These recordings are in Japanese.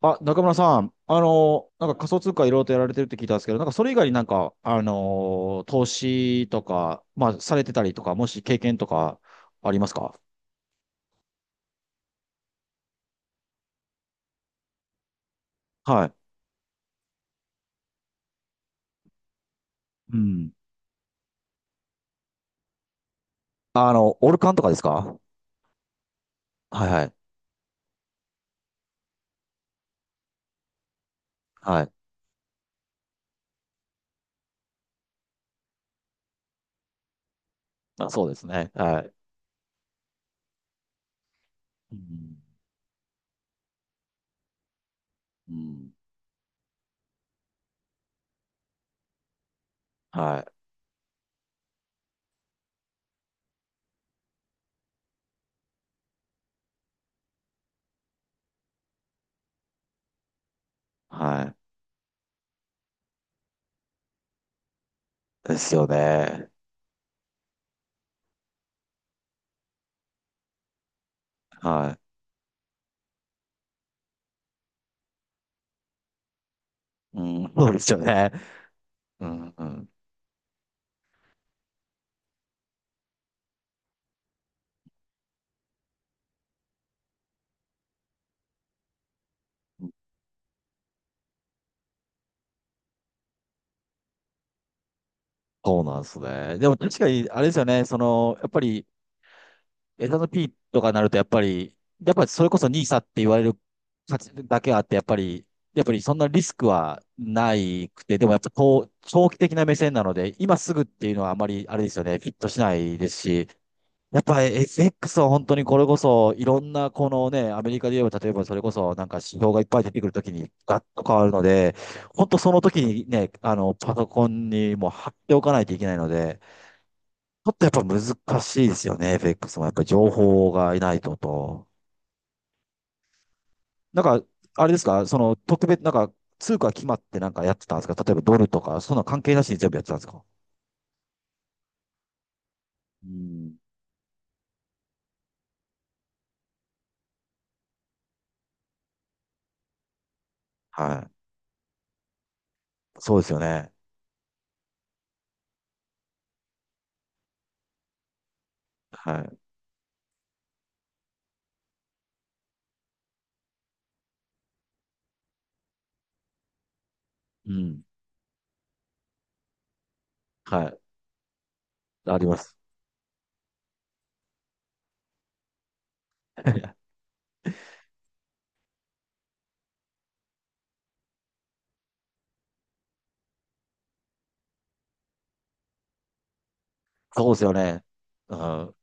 あ、中村さん、あの、なんか仮想通貨いろいろとやられてるって聞いたんですけど、なんかそれ以外になんか、あの、投資とか、まあ、されてたりとか、もし経験とかありますか？はい。うん。あの、オルカンとかですか？はいはい。はい。まあ、そうですね。はい。うん。うん。はい。はい。ですよね。はい。うん。そうですよね。うん。うん。そうなんですね。でも確かに、あれですよね。その、やっぱり、エスアンドピーとかになると、やっぱり、やっぱりそれこそニーサって言われる価値だけあって、やっぱり、やっぱりそんなリスクはないくて、でもやっぱこう長期的な目線なので、今すぐっていうのはあまりあれですよね、フィットしないですし、やっぱ FX は本当にこれこそ、いろんなこのね、アメリカで言えば、例えばそれこそなんか指標がいっぱい出てくるときにガッと変わるので、本当その時にね、あの、パソコンにもう貼っておかないといけないので、ちょっとやっぱ難しいですよね、FX も。やっぱり情報がいないとと。なんか、あれですか、その特別、なんか通貨決まってなんかやってたんですか？例えばドルとか、そんな関係なしに全部やってたんですか？うん。はい。そうですよね。はい。うん。はい。あります。そうですよね。うん。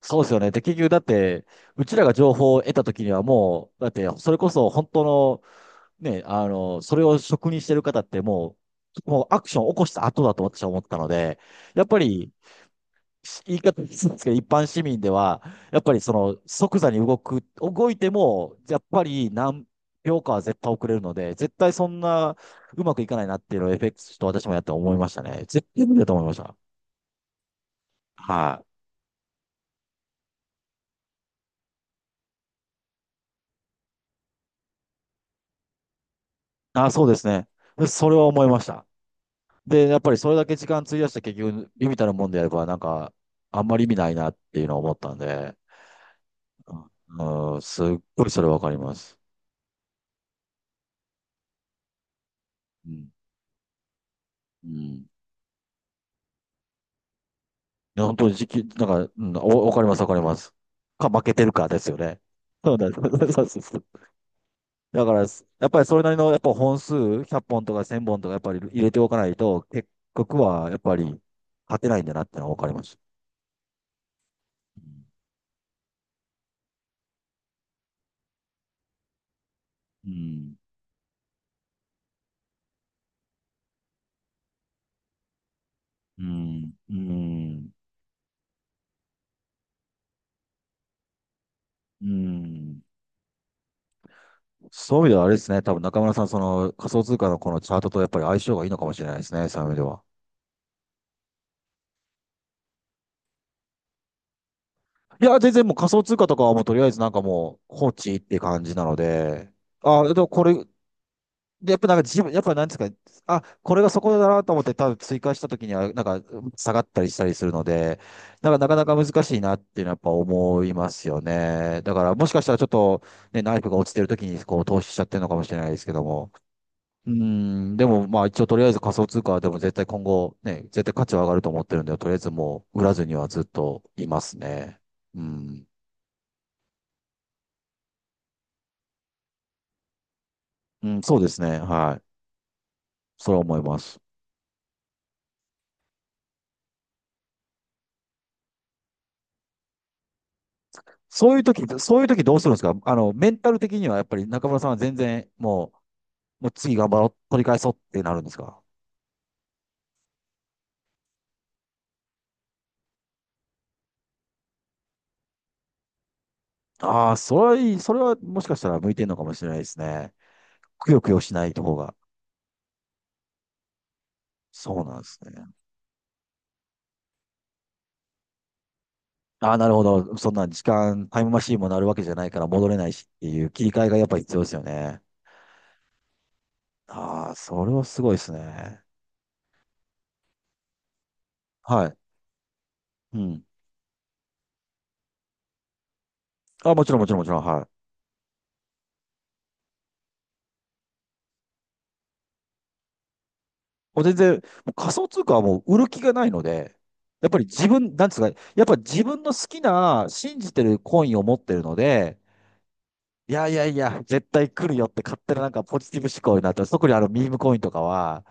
そうですよね。で、結局だって、うちらが情報を得た時にはもう、だって、それこそ本当のね、あの、それを職にしてる方ってもう、もうアクションを起こした後だと私は思ったので、やっぱり、言い方ですけど、一般市民では、やっぱりその即座に動く、動いても、やっぱり何秒かは絶対遅れるので、絶対そんなうまくいかないなっていうのを FX と私もやって思いましたね。絶対無理だと思いました。はい。あ、そうですね。でそれは思いました。で、やっぱりそれだけ時間費やして結局、微々たるもんでやれば、なんか、あんまり意味ないなっていうのを思ったんで、あー、すっごいそれわかります。うん。うん。いや、本当に時期、なんか、うん、おわかります、わかります。か、負けてるかですよね。そうだ、そうそうそうそう。だから、やっぱりそれなりの、やっぱ本数、100本とか1000本とか、やっぱり入れておかないと、結局は、やっぱり、勝てないんだなってのはわかります。うん。うん。うん。うん。そういう意味ではあれですね。多分中村さん、その仮想通貨のこのチャートとやっぱり相性がいいのかもしれないですね。そういう意味では。いや、全然もう仮想通貨とかはもうとりあえずなんかもう放置って感じなので、あ、でもこれ、で、やっぱなんか自分、やっぱなんですか、あ、これがそこだなと思って多分追加した時にはなんか下がったりしたりするので、なんかなかなか難しいなっていうのはやっぱ思いますよね。だからもしかしたらちょっとね、ナイフが落ちてる時にこう投資しちゃってるのかもしれないですけども。うん、でもまあ一応とりあえず仮想通貨はでも絶対今後ね、絶対価値は上がると思ってるんで、とりあえずもう売らずにはずっといますね。うん。うん、そうですね。はい。それは思います。そういう時、そういう時どうするんですか？あの、メンタル的にはやっぱり中村さんは全然もう、もう次頑張ろう、取り返そうってなるんですか？ああー、それはいい、それはもしかしたら向いてるのかもしれないですね。くよくよしない方が。そうなんですね。ああ、なるほど。そんな時間、タイムマシーンもなるわけじゃないから戻れないしっていう切り替えがやっぱり必要ですよね。ああ、それはすごいですね。はい。うん。あ、もちろんもちろんもちろん。はい。もう全然、もう仮想通貨はもう売る気がないので、やっぱり自分、なんですか、やっぱ自分の好きな、信じてるコインを持ってるので、いやいやいや、絶対来るよって勝手ななんかポジティブ思考になって、特にあのミームコインとかは、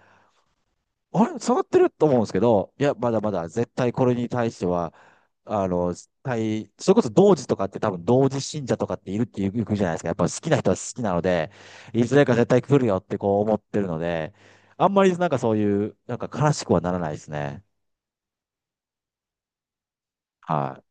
あれ、下がってると思うんですけど、いや、まだまだ絶対これに対しては、あの、対、それこそ同時とかって多分同時信者とかっているっていうじゃないですか。やっぱ好きな人は好きなので、いずれか絶対来るよってこう思ってるので、あんまりなんかそういう、なんか悲しくはならないですね。はい。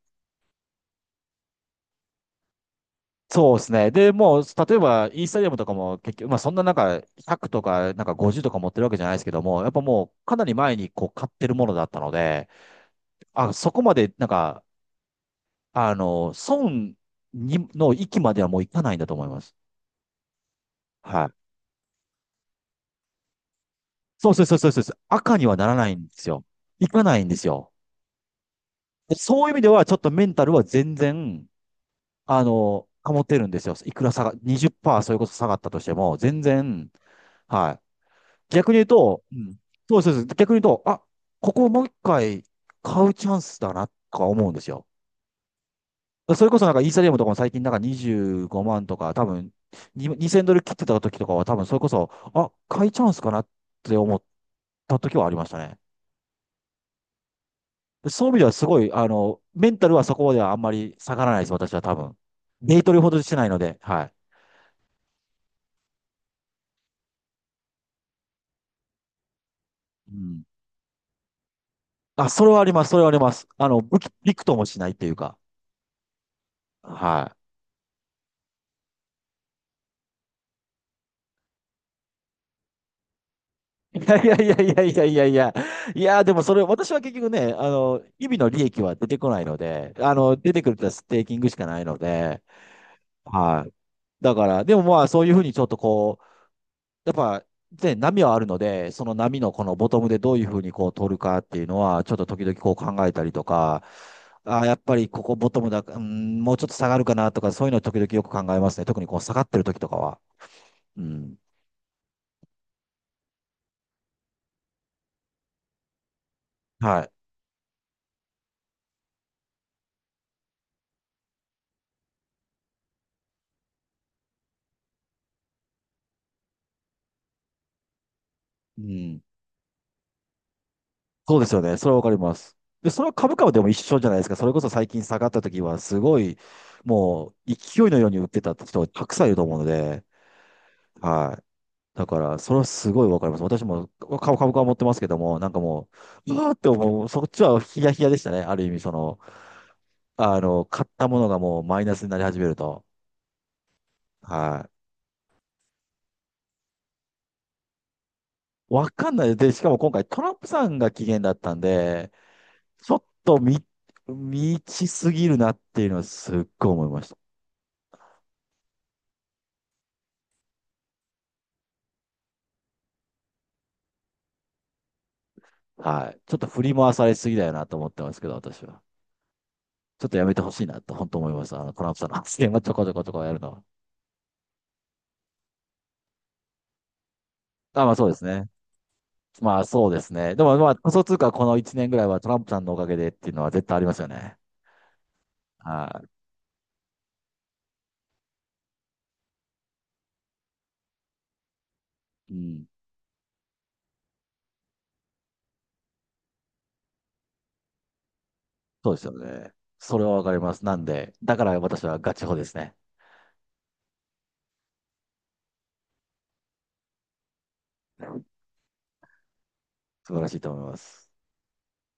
そうですね。で、もう、例えば、イースタリアムとかも結局、まあそんななんか100とか、なんか50とか持ってるわけじゃないですけども、やっぱもうかなり前にこう買ってるものだったので、あ、そこまでなんか、あの、損にの域まではもう行かないんだと思います。はい。そうそうそうそうそうそう。赤にはならないんですよ。行かないんですよ。でそういう意味では、ちょっとメンタルは全然、あの、保てるんですよ。いくら下が、20%それこそ下がったとしても、全然、はい。逆に言うと、うん、そうそうそう。逆に言うと、あ、ここをもう一回買うチャンスだな、とか思うんですよ。それこそなんかイーサリアムとかも最近なんか25万とか、多分に2000ドル切ってた時とかは多分それこそ、あ、買いチャンスかなって思った時はありましたね。でそういう意味ではすごい、あの、メンタルはそこまではあんまり下がらないです、私は多分。デイトレほどしてないので、はい。うん。あ、それはあります、それはあります。あの、びくともしないっていうか、はい。いやいやいやいやいやいやいや。いや、でもそれ、私は結局ね、あの、日々の利益は出てこないので、あの、出てくるとはステーキングしかないので、はい。だから、でもまあ、そういうふうにちょっとこう、やっぱ、ね、波はあるので、その波のこのボトムでどういうふうにこう取るかっていうのは、ちょっと時々こう考えたりとか、あー、やっぱりここボトムだ、うん、もうちょっと下がるかなとか、そういうのを時々よく考えますね。特にこう下がってる時とかは。うん。はい。うん。そうですよね。それはわかります。で、それは株価はでも一緒じゃないですか。それこそ最近下がった時は、すごい、もう勢いのように売ってた人たくさんいると思うので、はい。だから、それはすごいわかります。私も株、株価は持ってますけども、なんかもう、うわーって思う、そっちはヒヤヒヤでしたね。ある意味、その、あの、買ったものがもうマイナスになり始めると。はい。わかんない。で、しかも今回トランプさんが期限だったんで、ちょっと見ちすぎるなっていうのはすっごい思いました。はい。ちょっと振り回されすぎだよなと思ってますけど、私は。ちょっとやめてほしいなと、本当思います。あの、トランプさんの発言はちょこちょこちょこやるのは。あ、まあそうですね。まあそうですね。でもまあ仮想通貨この1年ぐらいはトランプさんのおかげでっていうのは絶対ありますよね。はい。うん。そうですよね。それはわかります。なんで、だから私はガチホですね。素晴らしいと思います。